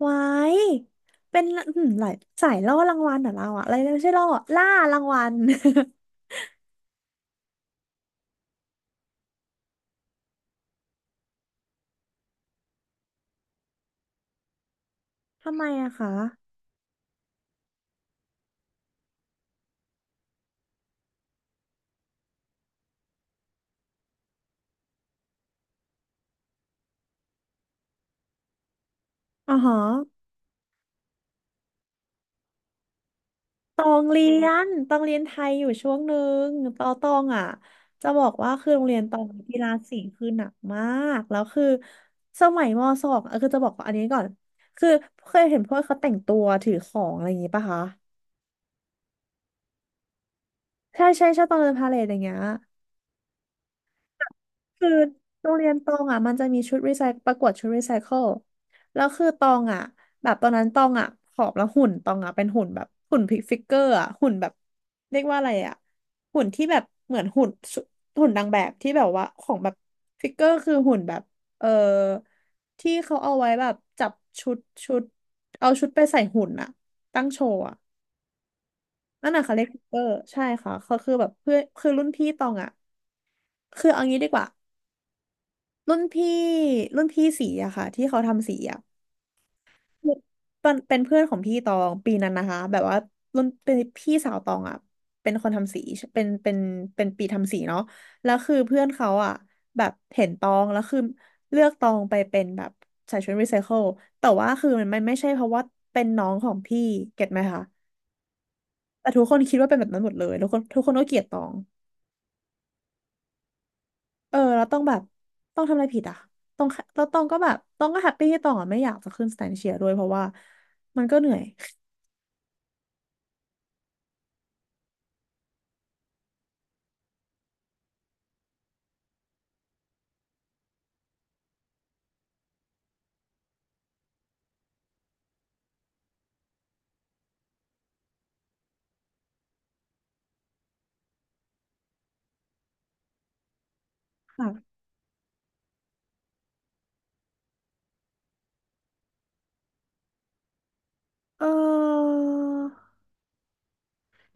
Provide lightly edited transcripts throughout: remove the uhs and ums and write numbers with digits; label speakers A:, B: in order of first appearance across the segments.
A: ไว้ายเป็นอืมหลายสายล่อรางวัลเหรอเราอะอะไรนะไม่ใช่ล่อล่ารางวัล ทำไมอะคะอ๋อฮะตองเรียนไทยอยู่ช่วงหนึ่งตอตองอะจะบอกว่าคือโรงเรียนตองกีฬาสีคือหนักมากแล้วคือสมัยมสองเออคือจะบอกว่าอันนี้ก่อนคือเคยเห็นพวกเขาแต่งตัวถือของอะไรอย่างงี้ปะคะใช่ใช่ใช่ตองเดินพาเหรดอย่างเงี้ย คือโรงเรียนตองอ่ะมันจะมีชุดรีไซประกวดชุดรีไซเคิลแล้วคือตองอ่ะแบบตอนนั้นตองอ่ะผอมแล้วหุ่นตองอ่ะเป็นหุ่นแบบหุ่นพิกฟิกเกอร์อ่ะหุ่นแบบเรียกว่าอะไรอ่ะหุ่นที่แบบเหมือนหุ่นสุหุ่นนางแบบที่แบบว่าของแบบฟิกเกอร์คือหุ่นแบบเออที่เขาเอาไว้แบบจับชุดชุดเอาชุดไปใส่หุ่นอ่ะตั้งโชว์อ่ะนั่นน่ะค่ะเรียกฟิกเกอร์ใช่ค่ะเขาคือแบบเพื่อนคือรุ่นพี่ตองอ่ะคือเอางี้ดีกว่า รุ่นพี่รุ่นพี่สีอะค่ะที่เขาทำสีอะเป็นเพื่อนของพี่ตองปีนั้นนะคะแบบว่ารุ่นเป็นพี่สาวตองอะเป็นคนทำสีเป็นเป็นเป็นปีทำสีเนาะแล้วคือเพื่อนเขาอะแบบเห็นตองแล้วคือเลือกตองไปเป็นแบบใส่ชุดรีไซเคิลแต่ว่าคือมันไม่ใช่เพราะว่าเป็นน้องของพี่เก็ตไหมคะแต่ทุกคนคิดว่าเป็นแบบนั้นหมดเลยทุกคนก็เกลียดตอง เออแล้วต้องแบบต้องทำอะไรผิดอ่ะต้องแล้วต้องก็แบบต้องก็แฮปปี้ที่ต้องอ่ะไม่อยากจะขึ้นสแตนเชียร์ด้วยเพราะว่ามันก็เหนื่อยค่ะเออ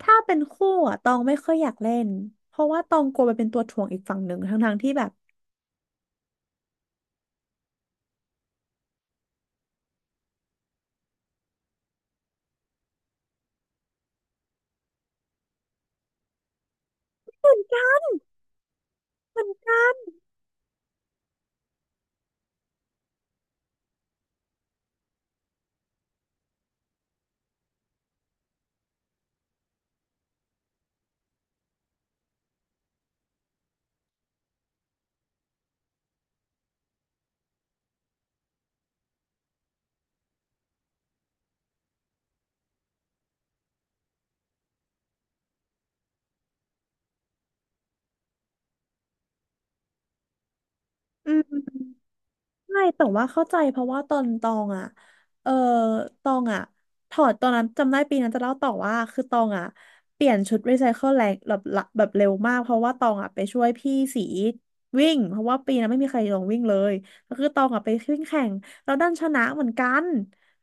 A: ถ้าเป็นคู่อ่ะตองไม่ค่อยอยากเล่นเพราะว่าตองกลัวไปเป็นตัวถ่วงอีกฝั่งหนึ่งทั้งๆที่แบบอืม ใช่แต่ว่าเข้าใจเพราะว่าตอนตองอ่ะเออตองอ่ะถอดตอนนั้นจำได้ปีนั้นจะเล่าต่อว่าคือตองอ่ะเปลี่ยนชุดรีไซเคิลแรงแบบละแบบเร็วมากเพราะว่าตองอ่ะไปช่วยพี่สีวิ่งเพราะว่าปีนั้นไม่มีใครลงวิ่งเลยก็คือตองอ่ะไปวิ่งแข่งแล้วดันชนะเหมือนกัน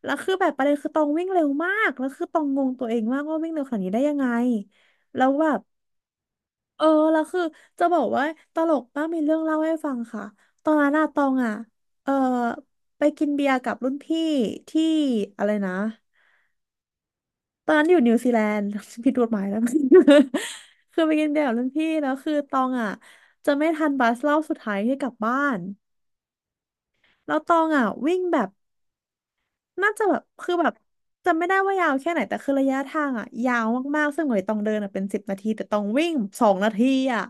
A: แล้วคือแบบประเด็นคือตองวิ่งเร็วมากแล้วคือตองงงตัวเองมากว่าวิ่งเร็วขนาดนี้ได้ยังไงแล้วแบบ เออแล้วคือจะบอกว่าตลกป้ากมีเรื่องเล่าให้ฟังค่ะตอนนั้นอะตองอะเออไปกินเบียร์กับรุ่นพี่ที่อะไรนะตอนนั้นอยู่นิวซีแลนด์ ผิดกฎหมายแล้ว คือไปกินเบียร์กับรุ่นพี่แล้วคือตองอะจะไม่ทันบัสรอบสุดท้ายที่กลับบ้านแล้วตองอะวิ่งแบบ น่าจะแบบคือแบบจำไม่ได้ว่ายาวแค่ไหนแต่คือระยะทางอ่ะยาวมากๆซึ่งเหน่อยต้องเดินอะเป็นสิบนาทีแต่ต้องวิ่งสองนาทีอ่ะ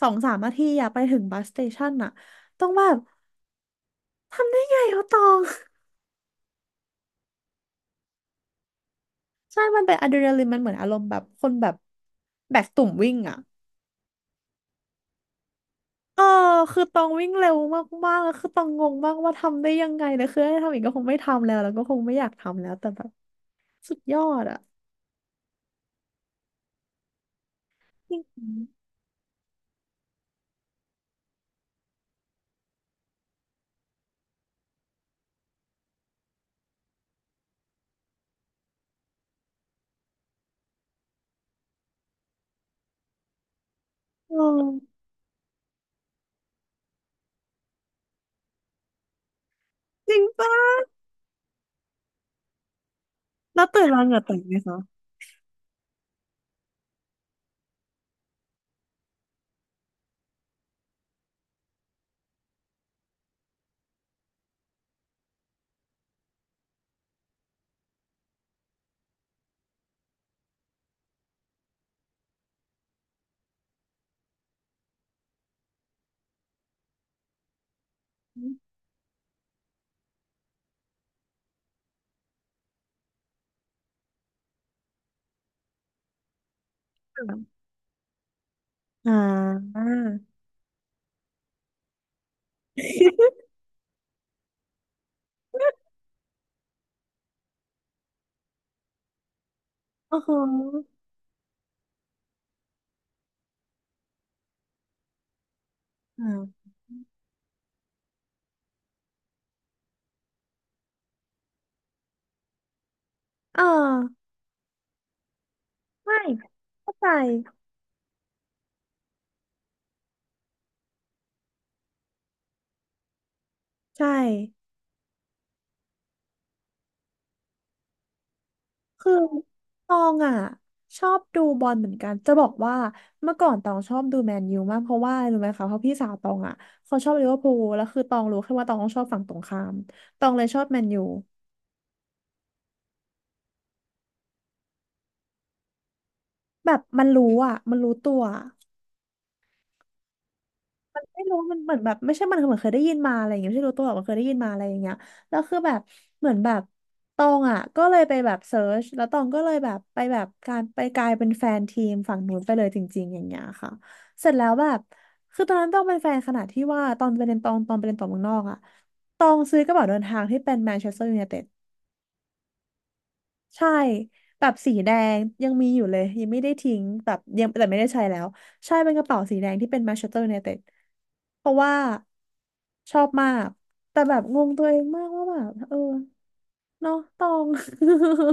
A: สองสามนาทีอ่ะไปถึงบัสสเตชันอ่ะต้องแบบทำได้ไงวะตอง ใช่มันเป็นอะดรีนาลีนมันเหมือนอารมณ์แบบคนแบบแบกตุ่มวิ่งอ่ะเออคือตองวิ่งเร็วมากๆแล้วคือตองงงมากว่าทำได้ยังไงนะคือให้ทำอีกก็คงไม่ทำแล้วแล้วก็คงไม่อยากทำแล้วแต่แบบสุดยอดอ่ะจริงๆเออจริงป่ะแล้วตื่นมาเหงื่อแตกไหมคะ อ่าโอ้โหอ่าเออไม่เข้าใจใช่คือตองอ่ะชอบดูบอลเหมือนกันจะบอกว่าเมื่อก่อนตองชอบดูแมนยูมากเพราะว่ารู้ไหมคะเพราะพี่สาวตองอ่ะเขาชอบลิเวอร์พูลแล้วคือตองรู้แค่ว่าตองชอบฝั่งตรงข้ามตองเลยชอบแมนยูแบบมันรู้อ่ะมันรู้ตัว ไม่รู้มันเหมือนแบบไม่ใช่มันเหมือนเคยได้ยินมาอะไรอย่างเงี้ยไม่ใช่รู้ตัวหรอกมันเคยได้ยินมาอะไรอย่างเงี้ยแล้วคือแบบเหมือนแบบตองอ่ะก็เลยไปแบบเซิร์ชแล้วตองก็เลยแบบไปแบบการไปกลายเป็นแฟนทีมฝั่งนู้นไปเลยจริงๆอย่างเงี้ยค่ะเสร็จแล้วแบบคือตอนนั้นต้องเป็นแฟนขนาดที่ว่าตอนไปเรียนตองตอนไปเรียนต่อเมืองนอกอ่ะตองซื้อกระเป๋าเดินทางที่เป็นแมนเชสเตอร์ยูไนเต็ด ใช่แบบสีแดงยังมีอยู่เลยยังไม่ได้ทิ้งแบบยังแต่ไม่ได้ใช้แล้วใช่เป็นกระเป๋าสีแดงที่เป็น Manchester United เพราะว่าชอบมากแต่แบบงงตัวเองมากว่าแบบเออเนาะตอง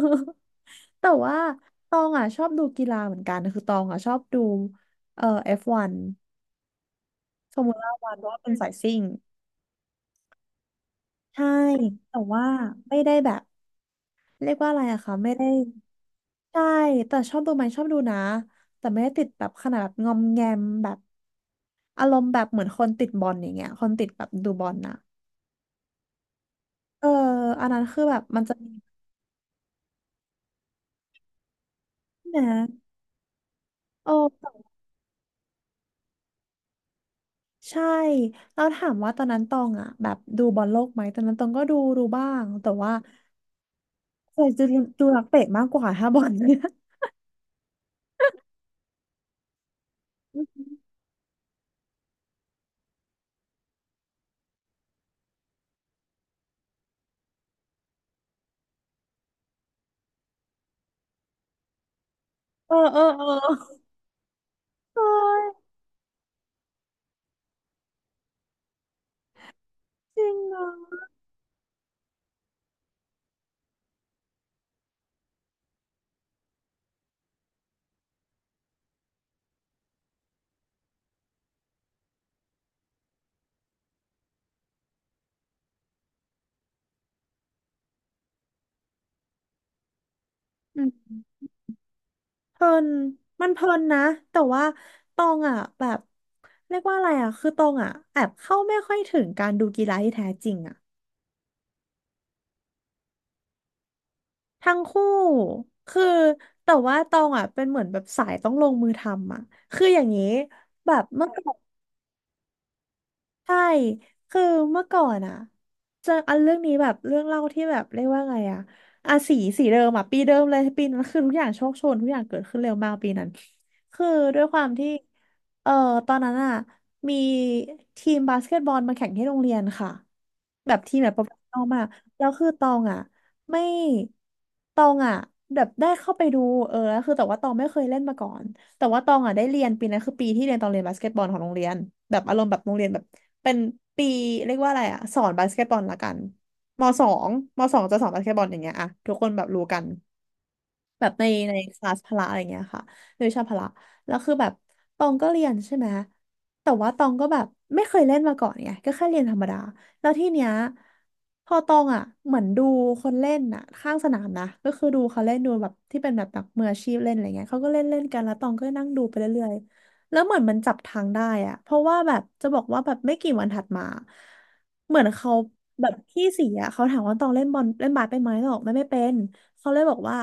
A: แต่ว่าตองอ่ะชอบดูกีฬาเหมือนกันคือตองอ่ะชอบดูF1 ฟวันฟอร์มูล่าวันเพราะว่าเป็นสายซิ่งใช่แต่ว่าไม่ได้แบบเรียกว่าอะไรอะคะไม่ได้ ใช่ แต่ชอบดูไหมชอบดูนะแต่ไม่ได้ติดแบบขนาดแบบงอมแงมแบบอารมณ์แบบเหมือนคนติดบอลอย่างเงี้ยคนติดแบบดูบอลนะเอออันนั้นคือแบบมันจะมีนะ โอ้ใช่เราถามว่าตอนนั้นตองอ่ะแบบดูบอลโลกไหม ตอนนั้นตองก็ดูบ้างแต่ว่าเคยจะดูนักเตะมากกว่าถ้าบอลเนี่ย เออเออเออใช่จริงเหรอ เพลิน มันเพลินนะ แต่ว่าตองอ่ะแบบเรียกว่าอะไรอ่ะคือตองอ่ะแอบเข้าไม่ค่อยถึงการดูกีฬาที่แท้จริงอ่ะทั้งคู่ คือแต่ว่าตองอ่ะเป็นเหมือนแบบสายต้องลงมือทำอ่ะคืออย่างนี้แบบเมื่อก่อน ใช่ คือเมื่อก่อนอะเจออันเรื่องนี้แบบเรื่องเล่าที่แบบเรียกว่าไงอะอ่ะสีเดิมอะปีเดิมเลยปีนั้นคือทุกอย่างโชคโชนทุกอย่างเกิดขึ้นเร็วมากปีนั้นคือด้วยความที่เอ่อตอนนั้นอะมีทีมบาสเกตบอลมาแข่งที่โรงเรียนค่ะ แบบทีมแบบโปรเฟชชั่นอลมากแล้วคือตองอ่ะไม่ตองอ่ะแบบได้เข้าไปดูเออแล้วคือแต่ว่าตองไม่เคยเล่นมาก่อนแต่ว่าตองอ่ะได้เรียนปีนั้นคือปีที่เรียนตองเรียนบาสเกตบอลของโรงเรียนแบบอารมณ์แบบโรงเรียนแบบเป็นปีเรียกว่าอะไรอ่ะสอนบาสเกตบอลละกันมสองมสองจะสอนบาสเกตบอลอย่างเงี้ยอ่ะทุกคนแบบรู้กัน แบบในคลาสพละอะไรเงี้ยค่ะในวิชาพละแล้วคือแบบตองก็เรียนใช่ไหมแต่ว่าตองก็แบบไม่เคยเล่นมาก่อนไงก็แค่เรียนธรรมดาแล้วที่เนี้ยพอตองอ่ะเหมือนดูคนเล่นอ่ะข้างสนามนะก็คือดูเขาเล่นดูแบบที่เป็นแบบนักมืออาชีพเล่นอะไรเงี้ยเขาก็เล่นเล่นกันแล้วตองก็นั่งดูไปเรื่อยๆแล้วเหมือนมันจับทางได้อ่ะเพราะว่าแบบจะบอกว่าแบบไม่กี่วันถัดมาเหมือนเขาแบบพี่สีอ่ะเขาถามว่าตองเล่นบอลเล่นบาสเป็นไหมตองบอกไม่เป็น เขาเลยบอกว่า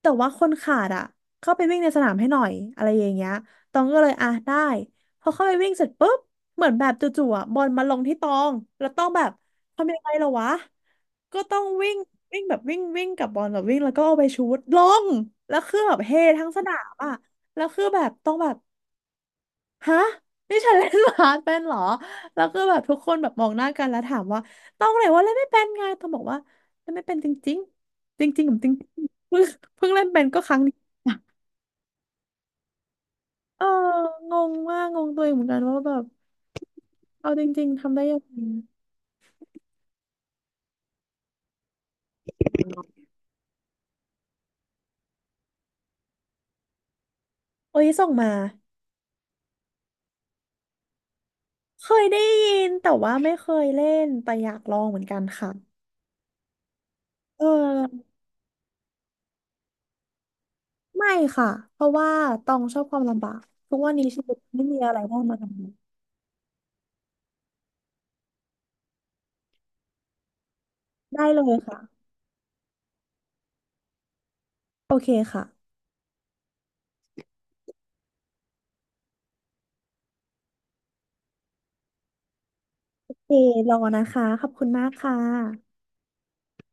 A: แต่ว่าคนขาดอ่ะเข้าไปวิ่งในสนามให้หน่อยอะไรอย่างเงี้ยตองก็เลยอ่ะได้พอเข้าไปวิ่งเสร็จปุ๊บเหมือนแบบจู่ๆอ่ะบอลมาลงที่ตองแล้วต้องแบบทำยังไงล่ะวะก็ต้องวิ่งวิ่งแบบวิ่งวิ่งกับบอลแบบวิ่งแล้วก็เอาไปชูตลงแล้วคือแบบเฮทั้งสนามอ่ะแล้วคือแบบต้องแบบ ฮะนี่ฉันเล่นบาสเป็นเหรอแล้วก็แบบทุกคนแบบมองหน้ากันแล้วถามว่าต้องไหนว่าเล่นไม่เป็นไงต้องบอกว่าเล่นไม่เป็นจริงๆจริงๆผมจริงๆเพิ่งเล่นเป็นก็ครั้งนี้เอองงมากงงตัวเองเหมือนกันว่าแบบเอาจริงๆทำได้ยังไงโอ้ยส่งมาเคยได้ยินแต่ว่าไม่เคยเล่นแต่อยากลองเหมือนกันค่ะเออไม่ค่ะเพราะว่าตองชอบความลำบากทุกวันนี้ชีวิตไม่มีอะไรได้มาทำได้เลยค่ะโอเคค่ะ เครอนะคะ ขอบคุณมากค่ะ